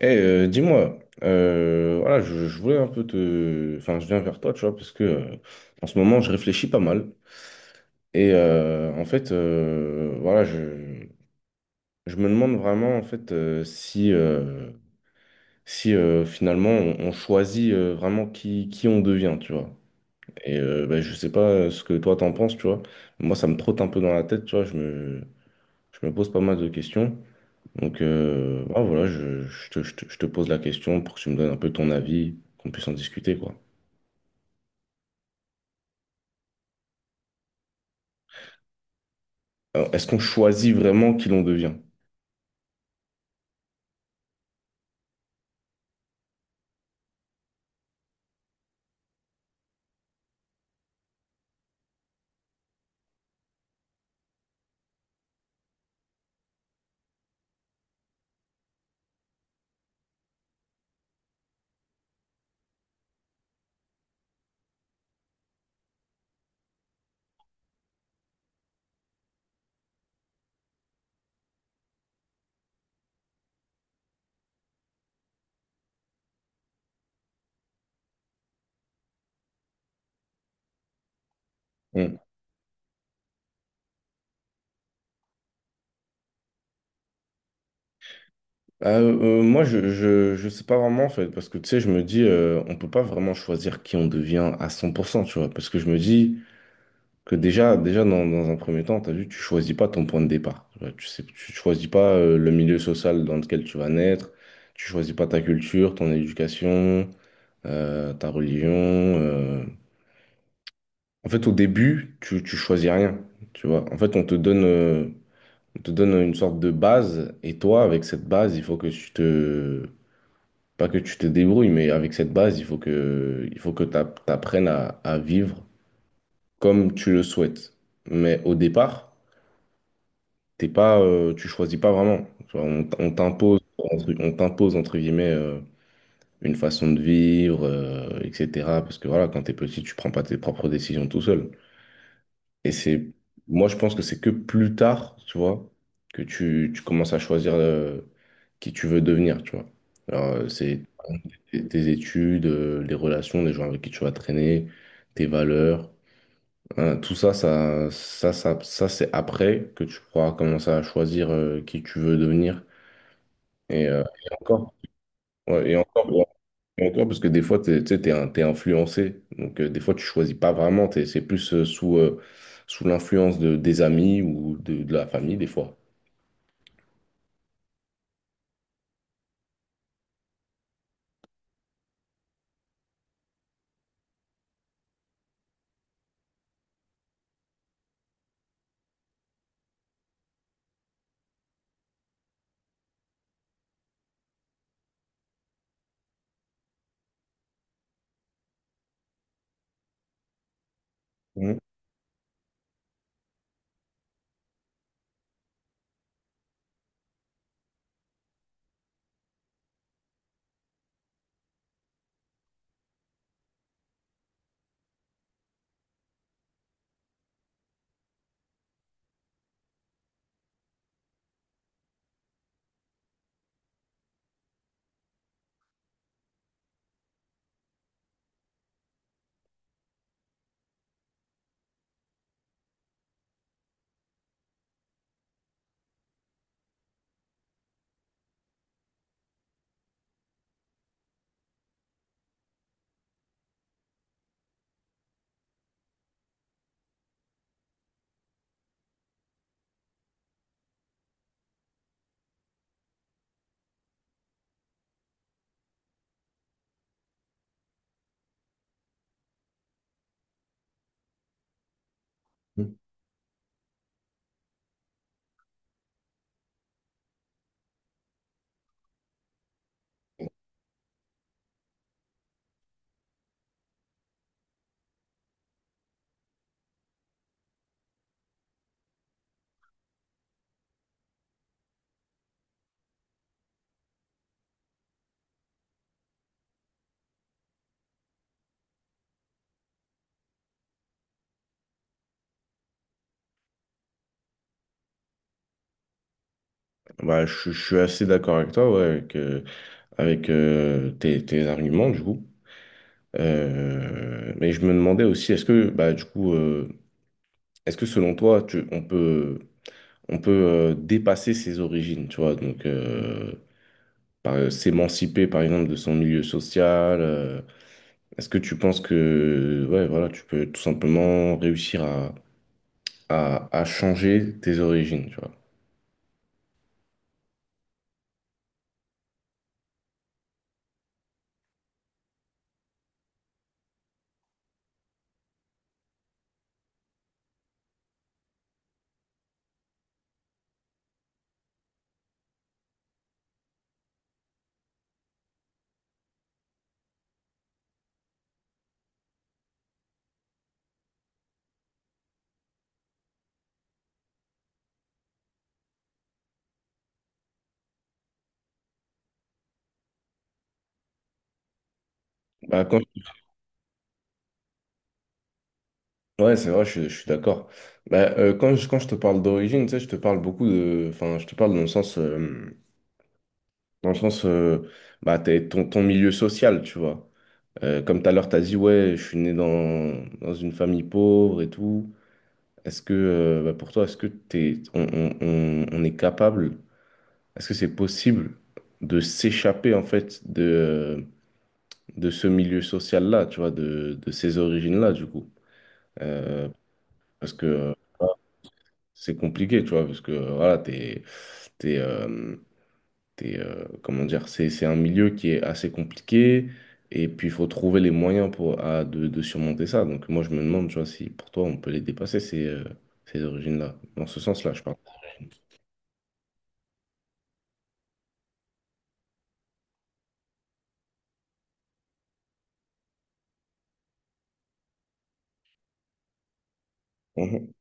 Dis-moi, voilà, je voulais un peu te... Enfin, je viens vers toi, tu vois, parce que en ce moment, je réfléchis pas mal. Et en fait, voilà, je me demande vraiment, en fait, si, si finalement, on choisit vraiment qui on devient, tu vois. Et ben, je sais pas ce que toi, t'en penses, tu vois. Moi, ça me trotte un peu dans la tête, tu vois. Je me pose pas mal de questions. Donc, voilà, je te pose la question pour que tu me donnes un peu ton avis, qu'on puisse en discuter, quoi. Alors, est-ce qu'on choisit vraiment qui l'on devient? Hmm. Moi, je sais pas vraiment, en fait, parce que, tu sais, je me dis, on peut pas vraiment choisir qui on devient à 100%, tu vois, parce que je me dis que dans un premier temps, t'as vu, tu choisis pas ton point de départ, tu vois, tu sais, tu choisis pas le milieu social dans lequel tu vas naître, tu choisis pas ta culture, ton éducation, ta religion, en fait, au début, tu choisis rien, tu vois. En fait, on te donne une sorte de base, et toi, avec cette base, il faut que pas que tu te débrouilles, mais avec cette base, il faut que t'apprennes à vivre comme tu le souhaites. Mais au départ, t'es pas, tu choisis pas vraiment. Tu vois, on t'impose entre guillemets une façon de vivre, etc. Parce que voilà, quand t'es petit, tu prends pas tes propres décisions tout seul. Et c'est, moi, je pense que c'est que plus tard, tu vois, que tu commences à choisir qui tu veux devenir, tu vois. Alors, c'est tes études, les relations, les gens avec qui tu vas traîner, tes valeurs, hein, tout ça, c'est après que tu pourras commencer à choisir qui tu veux devenir. Et encore, ouais, et encore, d'accord, parce que des fois, tu sais, t'es influencé. Donc, des fois, tu choisis pas vraiment. C'est plus sous l'influence des amis ou de la famille, des fois. Mhm. Mhm. Bah, je suis assez d'accord avec toi, ouais, avec, tes arguments, du coup. Mais je me demandais aussi, est-ce que, bah, du coup, est-ce que selon toi, on peut. On peut dépasser ses origines, tu vois. Donc, s'émanciper, par exemple, de son milieu social. Est-ce que tu penses que, ouais, voilà, tu peux tout simplement réussir à changer tes origines, tu vois. Bah, quand... Ouais, c'est vrai, je suis d'accord. Bah, quand je te parle d'origine, tu sais, je te parle beaucoup de... Enfin, je te parle dans le sens... bah, ton milieu social, tu vois. Comme tout à l'heure, t'as dit, ouais, je suis né dans une famille pauvre et tout. Est-ce que bah, pour toi, est-ce que t'es, on est capable, est-ce que c'est possible de s'échapper en fait de ce milieu social-là, tu vois, de ces origines-là, du coup? Euh, parce que c'est compliqué, tu vois, parce que voilà, t'es, euh, t'es, comment dire, c'est un milieu qui est assez compliqué, et puis il faut trouver les moyens pour, de surmonter ça. Donc moi, je me demande, tu vois, si pour toi, on peut les dépasser, ces origines-là, dans ce sens-là, je parle. Mhm,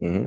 mhm.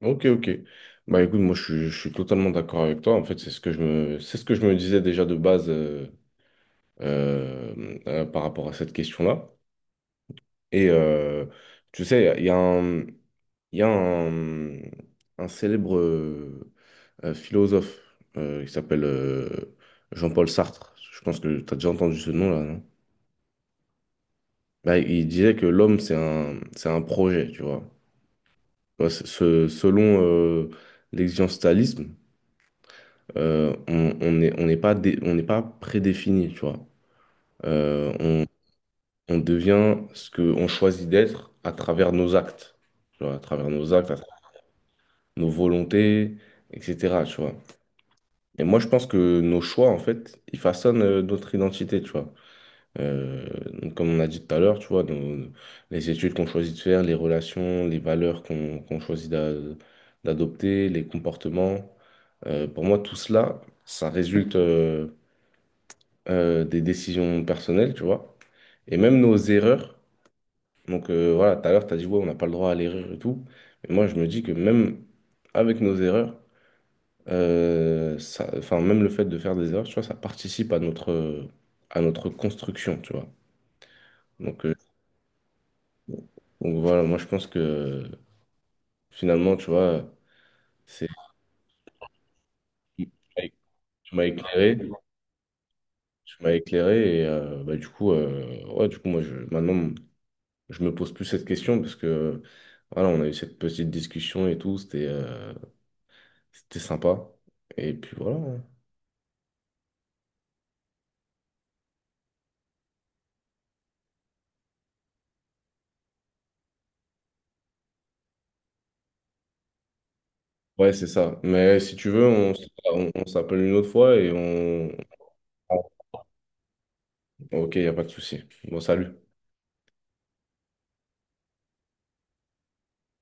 Ok, ok. Bah écoute, je suis totalement d'accord avec toi. En fait, c'est ce que je me disais déjà de base par rapport à cette question-là. Et tu sais, il y a un, il y a un célèbre philosophe qui s'appelle Jean-Paul Sartre. Je pense que tu as déjà entendu ce nom-là, non? Bah, il disait que l'homme, c'est un projet, tu vois. Ouais, selon l'existentialisme, on n'est pas, on n'est pas prédéfini, tu vois. Euh, on, on devient ce qu'on choisit d'être à travers nos actes, tu vois, à travers nos actes, à travers nos volontés, etc., tu vois. Et moi, je pense que nos choix, en fait, ils façonnent notre identité, tu vois. Euh, donc, comme on a dit tout à l'heure, tu vois, nos- les études qu'on choisit de faire, les relations, les valeurs qu'on choisit d'adopter, les comportements, pour moi, tout cela, ça résulte... des décisions personnelles, tu vois, et même nos erreurs. Donc voilà, tout à l'heure, tu as dit, ouais, on n'a pas le droit à l'erreur et tout. Mais moi, je me dis que même avec nos erreurs, ça, enfin, même le fait de faire des erreurs, tu vois, ça participe à notre construction, tu vois. Donc, donc voilà, moi, je pense que finalement, tu vois, c'est, tu m'as éclairé, tu m'as éclairé, et bah, du coup, moi, maintenant, je me pose plus cette question parce que voilà, on a eu cette petite discussion et tout, c'était c'était sympa. Et puis voilà, hein. Ouais, c'est ça. Mais si tu veux, on s'appelle une autre fois et on... Ok, il n'y a pas de souci. Bon, salut.